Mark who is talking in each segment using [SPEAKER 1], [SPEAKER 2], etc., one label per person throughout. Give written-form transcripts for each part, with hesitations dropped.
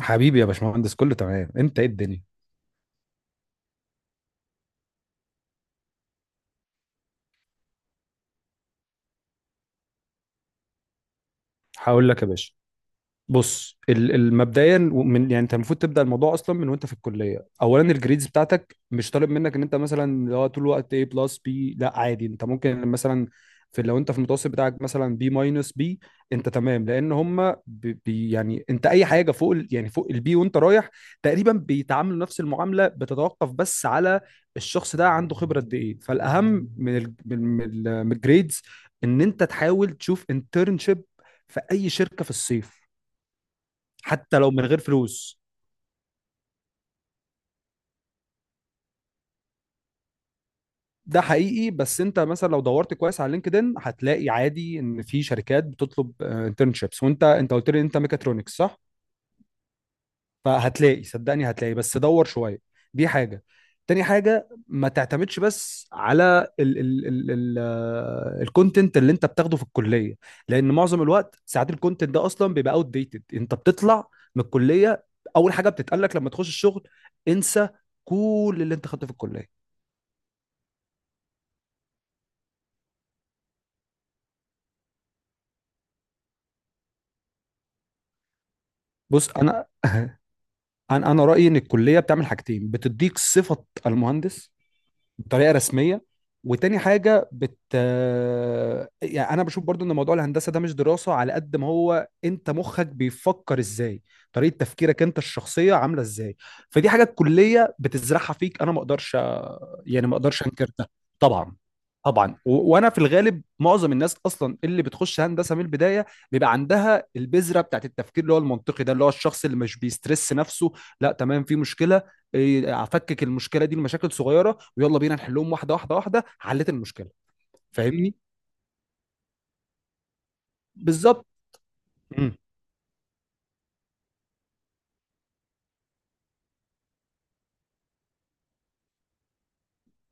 [SPEAKER 1] حبيبي يا باشمهندس، كله تمام؟ انت ايه الدنيا؟ هقول لك يا باشا. بص، مبدئيا، من يعني انت المفروض تبدا الموضوع اصلا من وانت في الكليه. اولا، الجريدز بتاعتك مش طالب منك ان انت مثلا لو طول الوقت A بلس بي، لا عادي انت ممكن مثلا، في لو انت في المتوسط بتاعك مثلا بي ماينس بي انت تمام، لان هم بي، يعني انت اي حاجه فوق يعني فوق البي وانت رايح تقريبا بيتعاملوا نفس المعامله. بتتوقف بس على الشخص ده عنده خبره قد ايه. فالاهم من الجريدز ان انت تحاول تشوف انترنشيب في اي شركه في الصيف، حتى لو من غير فلوس. ده حقيقي، بس انت مثلا لو دورت كويس على لينكدين هتلاقي عادي ان في شركات بتطلب انترنشيبس. وانت قلت لي انت ميكاترونكس، صح؟ فهتلاقي، صدقني هتلاقي، بس دور شويه. دي حاجه. تاني حاجه، ما تعتمدش بس على ال الكونتنت اللي انت بتاخده في الكليه، لان معظم الوقت ساعات الكونتنت ده اصلا بيبقى اوت ديتد. انت بتطلع من الكليه، اول حاجه بتتقال لك لما تخش الشغل: انسى كل اللي انت خدته في الكليه. بص انا انا رايي ان الكليه بتعمل حاجتين: بتديك صفه المهندس بطريقه رسميه، وتاني حاجه يعني انا بشوف برضو ان موضوع الهندسه ده مش دراسه على قد ما هو انت مخك بيفكر ازاي، طريقه تفكيرك انت الشخصيه عامله ازاي. فدي حاجه الكليه بتزرعها فيك، انا ما اقدرش يعني ما اقدرش انكر ده. طبعا. طبعا. و... وانا في الغالب معظم الناس اصلا اللي بتخش هندسه من البدايه بيبقى عندها البذره بتاعت التفكير اللي هو المنطقي ده، اللي هو الشخص اللي مش بيسترس نفسه. لا تمام، في مشكله، افكك المشكله دي لمشاكل صغيره ويلا بينا نحلهم واحده واحده واحده، حليت المشكله. فاهمني. بالظبط. مم.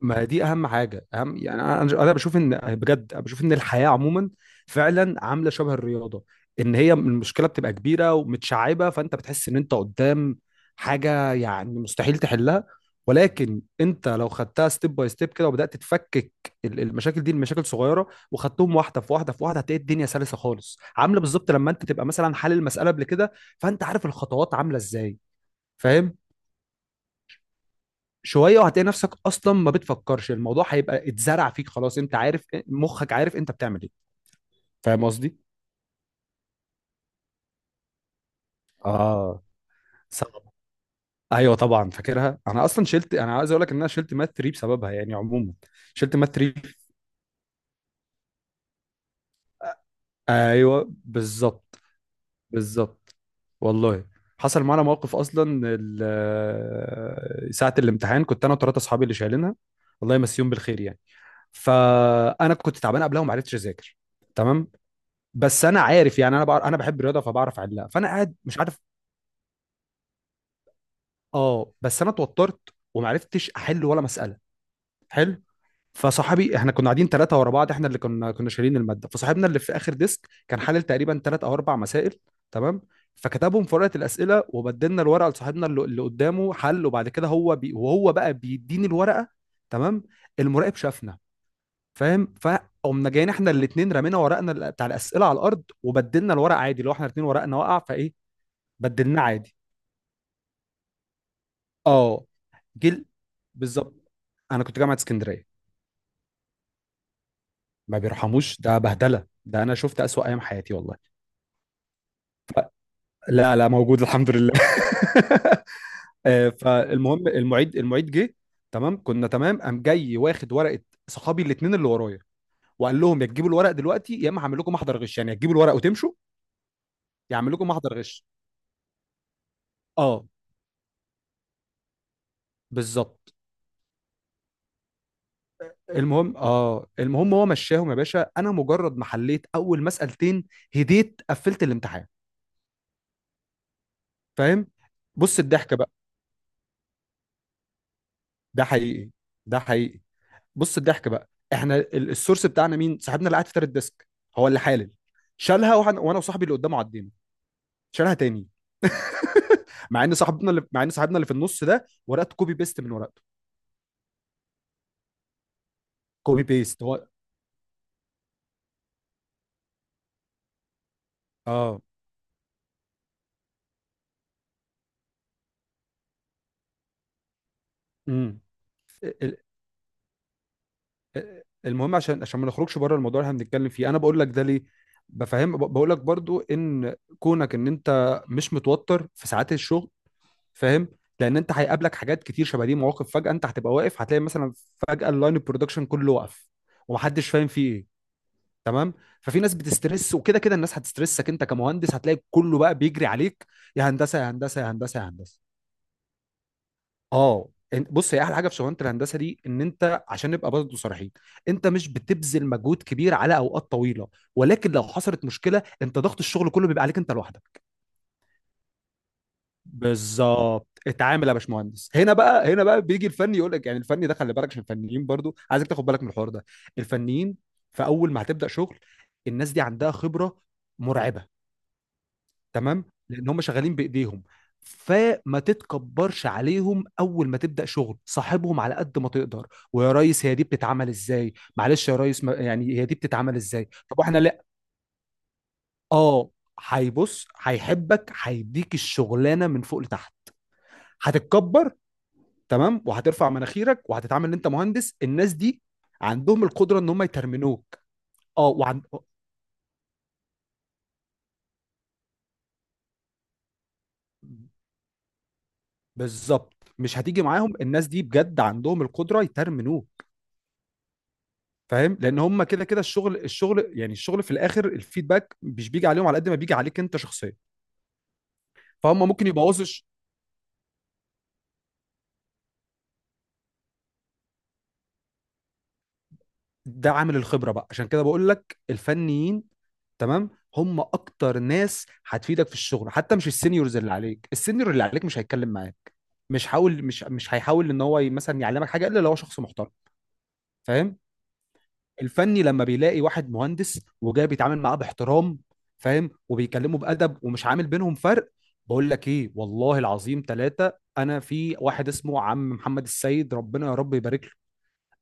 [SPEAKER 1] ما دي اهم حاجه، اهم يعني انا بشوف ان، بجد أنا بشوف ان الحياه عموما فعلا عامله شبه الرياضه، ان هي المشكله بتبقى كبيره ومتشعبه، فانت بتحس ان انت قدام حاجه يعني مستحيل تحلها، ولكن انت لو خدتها ستيب باي ستيب كده وبدات تفكك المشاكل دي لمشاكل صغيره، وخدتهم واحده في واحده في واحده، هتلاقي الدنيا سلسه خالص، عامله بالظبط لما انت تبقى مثلا حل المساله قبل كده، فانت عارف الخطوات عامله ازاي. فاهم. شويه وهتلاقي نفسك اصلا ما بتفكرش، الموضوع هيبقى اتزرع فيك خلاص، انت عارف مخك، عارف انت بتعمل ايه. فاهم قصدي. اه. صعب. ايوه طبعا فاكرها، انا اصلا شلت، انا عايز اقول لك ان انا شلت مات 3 بسببها يعني عموما، شلت مات 3. ايوه بالظبط. بالظبط. والله حصل معانا موقف اصلا، ساعه الامتحان كنت انا وثلاثه اصحابي اللي شايلينها، الله يمسيهم بالخير يعني. فانا كنت تعبان قبلها وما عرفتش اذاكر. تمام. بس انا عارف يعني، انا بعرف انا بحب الرياضه فبعرف احلها، فانا قاعد مش عارف. اه بس انا اتوترت ومعرفتش احل ولا مساله. حلو. فصاحبي، احنا كنا قاعدين ثلاثه ورا بعض، احنا اللي كنا شايلين الماده، فصاحبنا اللي في اخر ديسك كان حلل تقريبا ثلاث او اربع مسائل. تمام. فكتبهم في ورقه الاسئله وبدلنا الورقه لصاحبنا اللي قدامه حل، وبعد كده هو بي وهو بقى بيديني الورقه. تمام. المراقب شافنا. فاهم، فقمنا جايين احنا الاثنين رمينا ورقنا بتاع الاسئله على الارض وبدلنا الورق، عادي، لو احنا الاثنين ورقنا وقع فايه، بدلناه عادي. اه. جيل. بالظبط. انا كنت جامعه اسكندريه. ما بيرحموش، ده بهدله، ده انا شفت اسوأ ايام حياتي والله. لا لا، موجود الحمد لله. فالمهم، المعيد جه. تمام، كنا تمام، قام جاي واخد ورقه صحابي الاثنين اللي ورايا، وقال لهم: يا تجيبوا الورق دلوقتي، يا اما هعمل لكم محضر غش، يعني يا تجيبوا الورق وتمشوا يا هعمل لكم محضر غش. اه. بالظبط. المهم، هو مشاهم يا باشا، انا مجرد ما حليت اول مسألتين هديت، قفلت الامتحان. فاهم. بص الضحك بقى. ده حقيقي. ده حقيقي. بص الضحك بقى، احنا السورس بتاعنا مين؟ صاحبنا اللي قاعد في تالت ديسك هو اللي حالل. شالها، وانا وصاحبي اللي قدامه عدينا، شالها تاني، مع ان صاحبنا اللي في النص ده ورقته كوبي بيست من ورقته. كوبي بيست هو. اه. امم. ال- المهم، عشان ما نخرجش بره الموضوع اللي احنا بنتكلم فيه، انا بقول لك ده ليه بفهم، بقول لك برضو ان كونك ان انت مش متوتر في ساعات الشغل، فاهم، لان انت هيقابلك حاجات كتير شبه دي، مواقف فجاه انت هتبقى واقف، هتلاقي مثلا فجاه اللاين البرودكشن كله وقف ومحدش فاهم فيه ايه. تمام. ففي ناس بتسترس، وكده كده الناس هتسترسك انت كمهندس، هتلاقي كله بقى بيجري عليك: يا هندسه يا هندسه يا هندسه يا هندسه. اه. بص، هي احلى حاجه في شغلانه الهندسه دي، ان انت، عشان نبقى برضه صريحين، انت مش بتبذل مجهود كبير على اوقات طويله، ولكن لو حصلت مشكله انت ضغط الشغل كله بيبقى عليك انت لوحدك. بالظبط. اتعامل يا باشمهندس. هنا بقى، هنا بقى بيجي الفني يقول لك، يعني الفني ده خلي بالك، عشان الفنيين برضو عايزك تاخد بالك من الحوار ده. الفنيين في اول ما هتبدا شغل، الناس دي عندها خبره مرعبه. تمام، لان هم شغالين بايديهم. فما تتكبرش عليهم، اول ما تبدا شغل صاحبهم على قد ما تقدر: ويا ريس، هي دي بتتعمل ازاي، معلش يا ريس، ما يعني هي دي بتتعمل ازاي، طب احنا لا. اه. هيبص، هيحبك، هيديك الشغلانه من فوق لتحت. هتتكبر، تمام، وهترفع مناخيرك وهتتعامل ان انت مهندس، الناس دي عندهم القدره ان هم يترمنوك. اه وعن بالظبط. مش هتيجي معاهم، الناس دي بجد عندهم القدره يترمنوك. فاهم، لان هم كده كده الشغل، في الاخر الفيدباك مش بيجي عليهم على قد ما بيجي عليك انت شخصيا. فهم ممكن يبوظوا الش- ده عامل الخبره بقى، عشان كده بقول لك الفنيين. تمام، هم اكتر ناس هتفيدك في الشغل، حتى مش السينيورز اللي عليك، السينيور اللي عليك مش هيتكلم معاك، مش حاول مش مش هيحاول ان هو مثلا يعلمك حاجه الا لو هو شخص محترم، فاهم. الفني لما بيلاقي واحد مهندس وجاي بيتعامل معاه باحترام، فاهم، وبيكلمه بادب ومش عامل بينهم فرق، بقول لك ايه والله العظيم ثلاثه. انا، في واحد اسمه عم محمد السيد، ربنا يا رب يبارك له.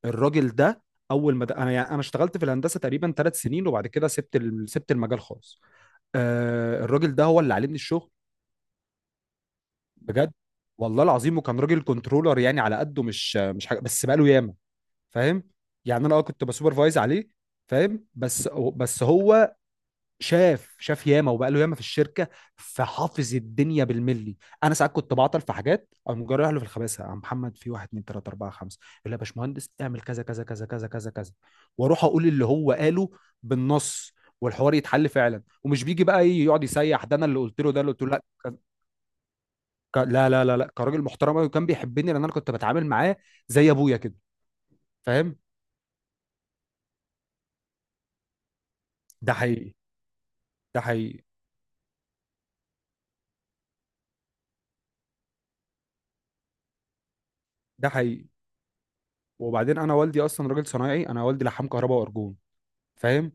[SPEAKER 1] الراجل ده، اول ما انا، يعني انا اشتغلت في الهندسه تقريبا ثلاث سنين، وبعد كده سبت المجال خالص. الراجل ده هو اللي علمني الشغل. بجد، والله العظيم، وكان راجل كنترولر يعني، على قده، مش حاجه، بس بقاله ياما، فاهم، يعني انا كنت بسوبرفايز عليه، فاهم، بس، بس هو شاف ياما، وبقاله ياما في الشركه، فحافظ الدنيا بالملي. انا ساعات كنت بعطل في حاجات، اقوم جاي رايح له في الخباثه: يا عم محمد، في واحد اتنين تلاته اربعه خمسه، يقول لي يا باشمهندس اعمل كذا كذا كذا كذا كذا كذا، واروح اقول اللي هو قاله بالنص، والحوار يتحل فعلا. ومش بيجي بقى إيه يقعد يسيح ده انا اللي قلت له ده اللي قلت له، لا. لا لا لا لا، كراجل محترم قوي، وكان بيحبني لان انا كنت بتعامل معاه زي ابويا كده، فاهم. ده حقيقي. ده حقيقي. ده حقيقي. وبعدين انا والدي اصلا راجل صنايعي، انا والدي لحام كهرباء وارجون، فاهم.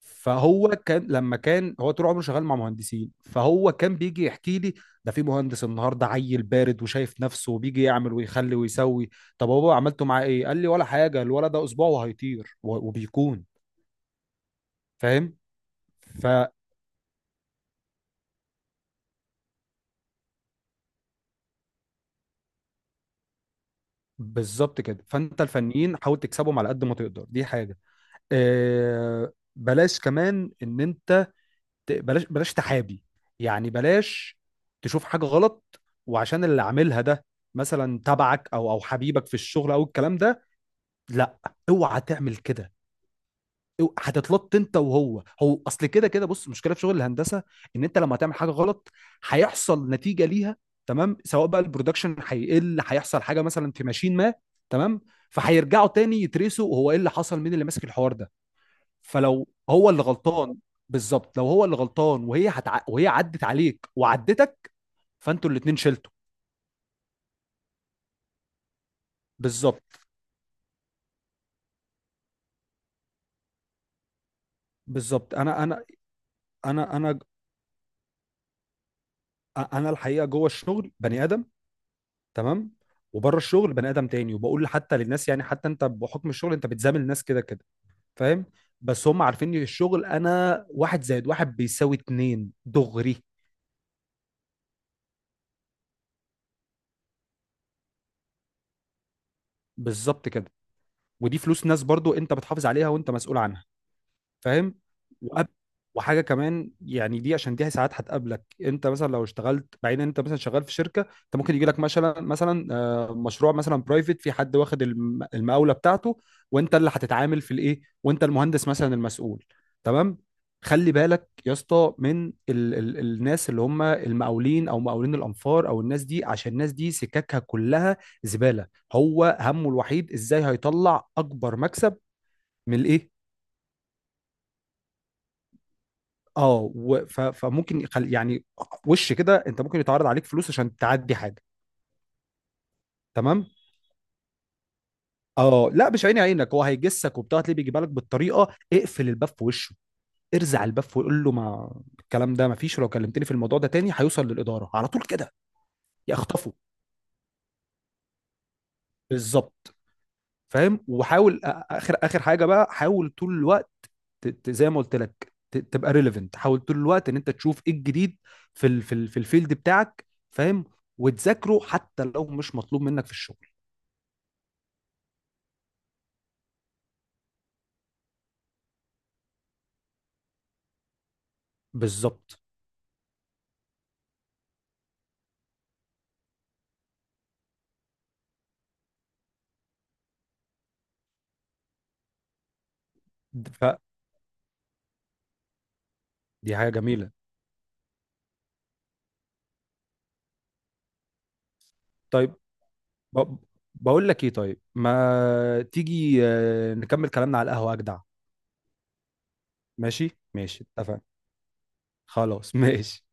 [SPEAKER 1] فهو كان، لما كان هو طول عمره شغال مع مهندسين، فهو كان بيجي يحكي لي: ده في مهندس النهارده عيل بارد وشايف نفسه، وبيجي يعمل ويخلي ويسوي. طب هو عملته معاه ايه؟ قال لي ولا حاجه، الولد ده اسبوع وهيطير، و- وبيكون، فاهم. ف بالظبط كده. فانت الفنيين حاول تكسبهم على قد ما تقدر، دي حاجه. بلاش كمان ان انت، بلاش تحابي، يعني بلاش تشوف حاجه غلط وعشان اللي عاملها ده مثلا تبعك او حبيبك في الشغل او الكلام ده، لا، اوعى تعمل كده، هتتلط انت وهو. هو اصل كده كده، بص المشكله في شغل الهندسه ان انت لما تعمل حاجه غلط هيحصل نتيجه ليها، تمام، سواء بقى البرودكشن هيقل، هيحصل حاجه مثلا في ماشين ما، تمام، فهيرجعوا تاني يترسوا هو ايه اللي حصل، مين اللي ماسك الحوار ده، فلو هو اللي غلطان. بالظبط، لو هو اللي غلطان وهي وهي عدت عليك وعدتك، فانتوا الاتنين شلتوا. بالظبط. بالظبط. انا انا الحقيقه جوه الشغل بني ادم، تمام، وبره الشغل بني ادم تاني، وبقول حتى للناس يعني، حتى انت بحكم الشغل انت بتزامل الناس كده كده، فاهم، بس هم عارفين ان الشغل انا واحد زائد واحد بيساوي اتنين دغري. بالظبط كده. ودي فلوس ناس برضو، انت بتحافظ عليها وانت مسؤول عنها، فاهم. وقب- وحاجه كمان يعني، دي عشان دي ساعات هتقابلك انت مثلا لو اشتغلت بعدين. انت مثلا شغال في شركه، انت ممكن يجي لك مثلا مثلا آه، مشروع مثلا برايفت، في حد واخد المقاوله بتاعته وانت اللي هتتعامل في الايه، وانت المهندس مثلا المسؤول. تمام. خلي بالك يا اسطى من ال ال الناس اللي هم المقاولين او مقاولين الانفار او الناس دي، عشان الناس دي سككها كلها زباله، هو همه الوحيد ازاي هيطلع اكبر مكسب من الايه. اه فممكن يعني وش كده انت ممكن يتعرض عليك فلوس عشان تعدي حاجه، تمام. اه لا مش عيني عينك، هو هيجسك وبتاع، تلاقيه بيجيبها لك بالطريقه. اقفل الباب في وشه، ارزع الباب وقول له: ما الكلام ده ما فيش، ولو كلمتني في الموضوع ده تاني هيوصل للاداره على طول كده، يخطفه. بالظبط. فاهم. وحاول، اخر اخر حاجه بقى، حاول طول الوقت، زي ما قلت لك تبقى ريليفنت، حاول طول الوقت ان انت تشوف ايه الجديد في ال في ال في الفيلد بتاعك، فاهم، وتذاكره حتى لو مش مطلوب منك في الشغل. بالظبط. د- فدي حاجه جميله. طيب. ب- بقول لك ايه طيب، ما تيجي نكمل كلامنا على القهوه اجدع. ماشي ماشي اتفقنا. خلاص ماشي.